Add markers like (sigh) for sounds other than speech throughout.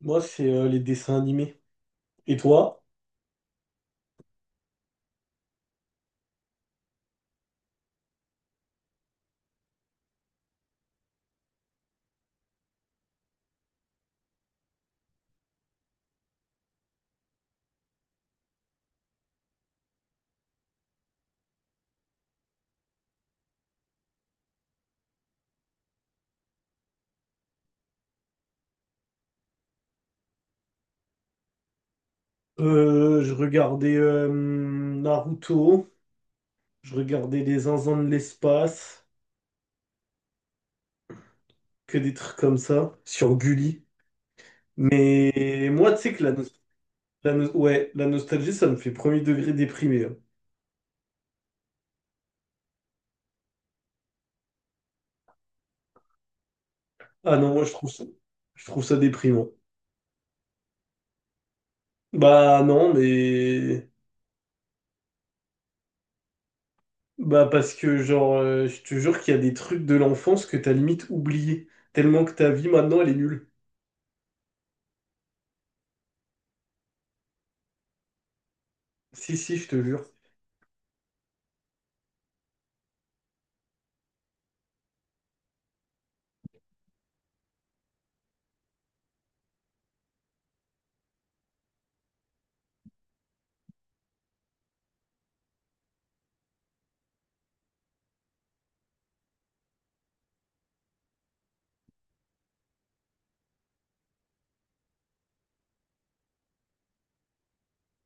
Moi, c'est les dessins animés. Et toi? Je regardais Naruto, je regardais Les Zinzins de l'espace, que des trucs comme ça, sur Gulli. Mais moi, tu sais que ouais, la nostalgie, ça me fait premier degré déprimé, hein. Ah non, moi, je trouve ça déprimant. Bah non, mais. Bah parce que, genre, je te jure qu'il y a des trucs de l'enfance que t'as limite oublié, tellement que ta vie, maintenant, elle est nulle. Si, si, je te jure.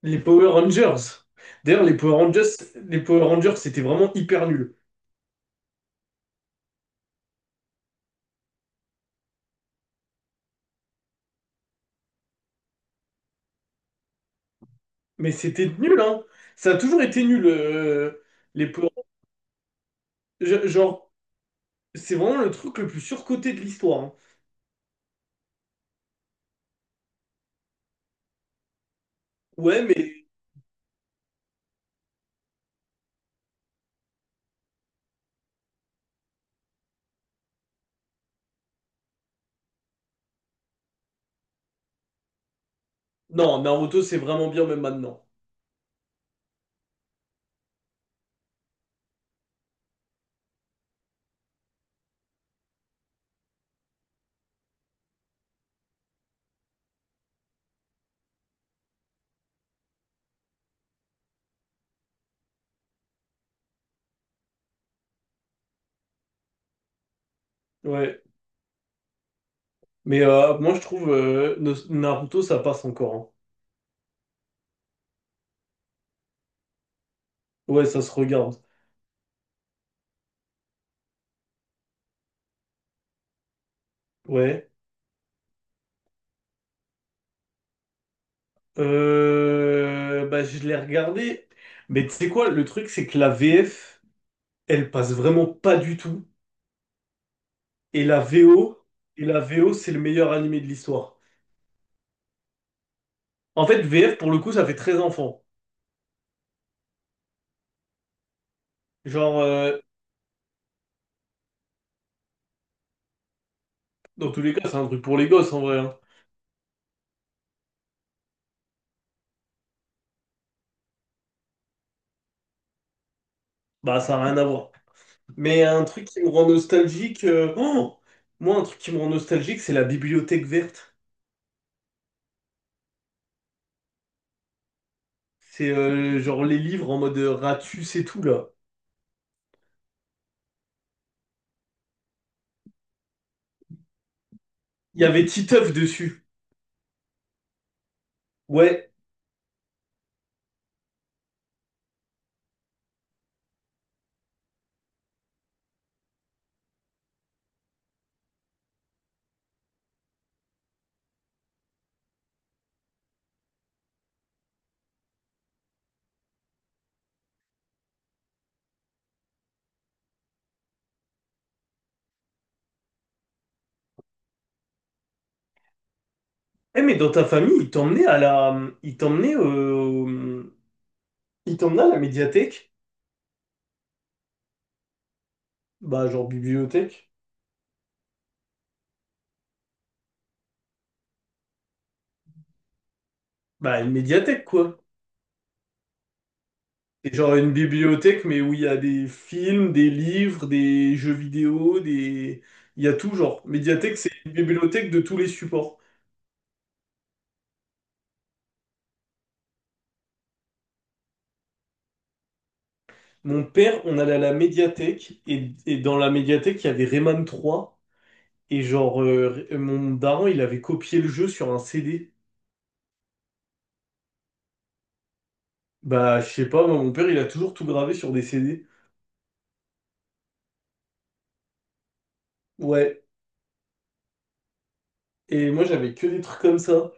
Les Power Rangers. D'ailleurs, les Power Rangers, c'était vraiment hyper nul. Mais c'était nul, hein. Ça a toujours été nul, les Power Rangers. Genre, c'est vraiment le truc le plus surcoté de l'histoire, hein. Ouais, mais non, Naruto, c'est vraiment bien même maintenant. Ouais. Mais moi, je trouve Naruto, ça passe encore, hein. Ouais, ça se regarde. Ouais. Bah, je l'ai regardé. Mais tu sais quoi, le truc, c'est que la VF, elle passe vraiment pas du tout. Et et la VO, c'est le meilleur animé de l'histoire. En fait, VF, pour le coup, ça fait très enfant. Genre, dans tous les cas, c'est un truc pour les gosses, en vrai, hein. Bah, ça n'a rien à voir. Mais un truc qui me rend nostalgique... Moi, un truc qui me rend nostalgique, c'est la bibliothèque verte. C'est genre les livres en mode Ratus et tout, là. Il y avait Titeuf dessus. Ouais. Eh, mais dans ta famille, Ils t'emmenaient à la médiathèque. Bah, genre bibliothèque. Bah, une médiathèque, quoi. C'est genre une bibliothèque, mais où il y a des films, des livres, des jeux vidéo, des. Il y a tout genre. Médiathèque, c'est une bibliothèque de tous les supports. Mon père, on allait à la médiathèque, et dans la médiathèque, il y avait Rayman 3, et genre, mon daron, il avait copié le jeu sur un CD. Bah, je sais pas, moi, mon père, il a toujours tout gravé sur des CD. Ouais, et moi, j'avais que des trucs comme ça.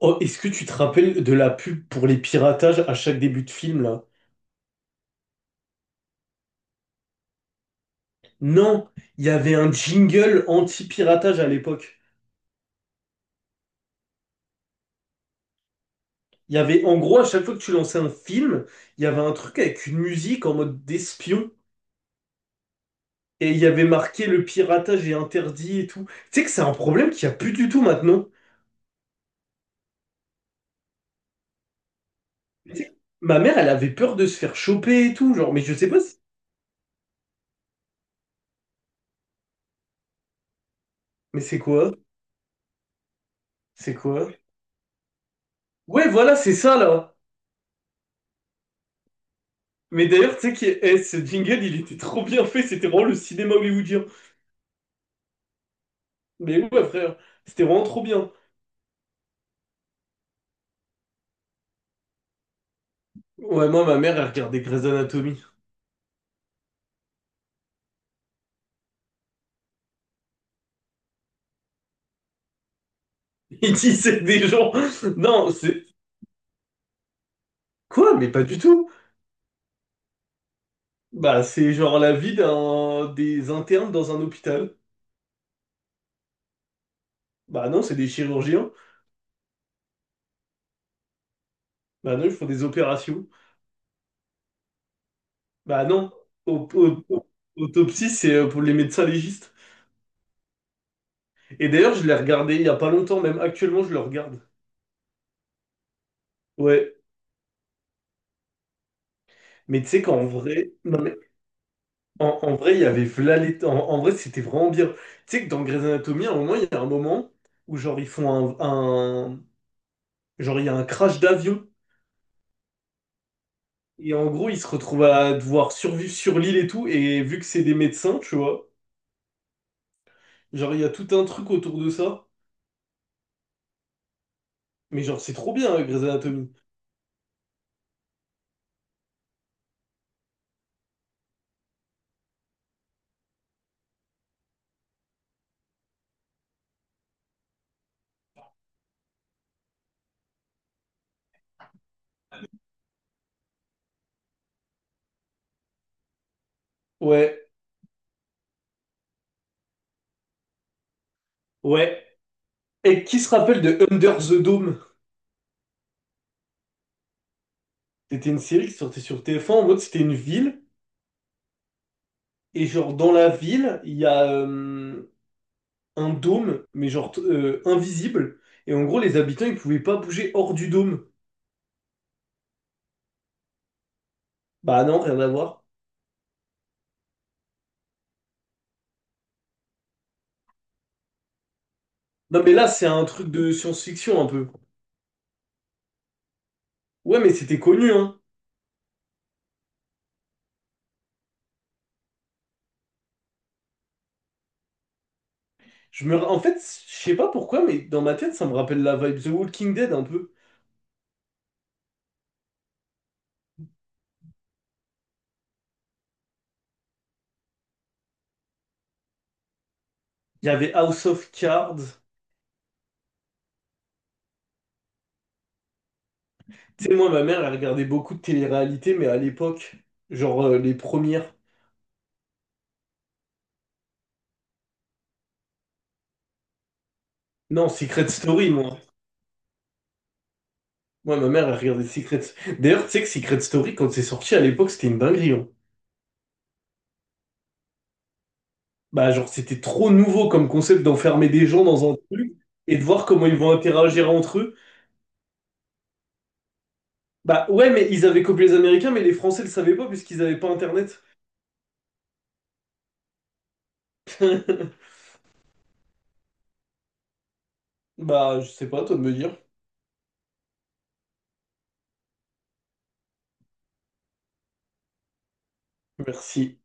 Oh, est-ce que tu te rappelles de la pub pour les piratages à chaque début de film, là? Non, il y avait un jingle anti-piratage à l'époque. Il y avait, en gros, à chaque fois que tu lançais un film, il y avait un truc avec une musique en mode d'espion. Et il y avait marqué le piratage est interdit et tout. Tu sais que c'est un problème qu'il n'y a plus du tout maintenant. Tu sais, ma mère, elle avait peur de se faire choper et tout. Genre, mais je sais pas. Mais c'est quoi? C'est quoi? Ouais, voilà, c'est ça là. Mais d'ailleurs, tu sais que ce jingle, il était trop bien fait. C'était vraiment le cinéma hollywoodien. Mais ouais, frère, c'était vraiment trop bien. Ouais, moi, ma mère, elle regardait Grey's Anatomy. Il dit c'est des gens. Non, c'est. Quoi? Mais pas du tout. Bah, c'est genre la vie d'un des internes dans un hôpital. Bah non, c'est des chirurgiens. Bah non, ils font des opérations. Bah non. Au- au- au- Autopsie, c'est pour les médecins légistes. Et d'ailleurs, je l'ai regardé il y a pas longtemps, même actuellement, je le regarde. Ouais. Mais tu sais qu'en vrai, non mais en vrai, il y avait v'là les- en vrai, c'était vraiment bien. Tu sais que dans Grey's Anatomy, à un moment, il y a un moment où genre ils font un- genre il y a un crash d'avion. Et en gros, ils se retrouvent à devoir survivre sur l'île et tout. Et vu que c'est des médecins, tu vois, genre, il y a tout un truc autour de ça. Mais genre, c'est trop bien, hein, Grey's Anatomy. Ouais, ouais. Et qui se rappelle de Under the Dome? C'était une série qui sortait sur TF1. En mode, c'était une ville. Et genre, dans la ville, il y a un dôme, mais genre invisible. Et en gros, les habitants, ils pouvaient pas bouger hors du dôme. Bah non, rien à voir. Non, mais là, c'est un truc de science-fiction un peu. Ouais, mais c'était connu, hein. En fait, je sais pas pourquoi, mais dans ma tête, ça me rappelle la vibe The Walking Dead un peu. Il y avait House of Cards. Tu sais, moi, ma mère, elle regardait beaucoup de télé-réalité, mais à l'époque, genre les premières. Non, Secret Story, moi. Moi, ma mère, elle regardait Secret. D'ailleurs, tu sais que Secret Story, quand c'est sorti à l'époque, c'était une dinguerie, hein. Bah, genre, c'était trop nouveau comme concept d'enfermer des gens dans un truc et de voir comment ils vont interagir entre eux. Bah, ouais, mais ils avaient copié les Américains, mais les Français le savaient pas puisqu'ils avaient pas Internet. (laughs) Bah, je sais pas, toi de me dire. Merci.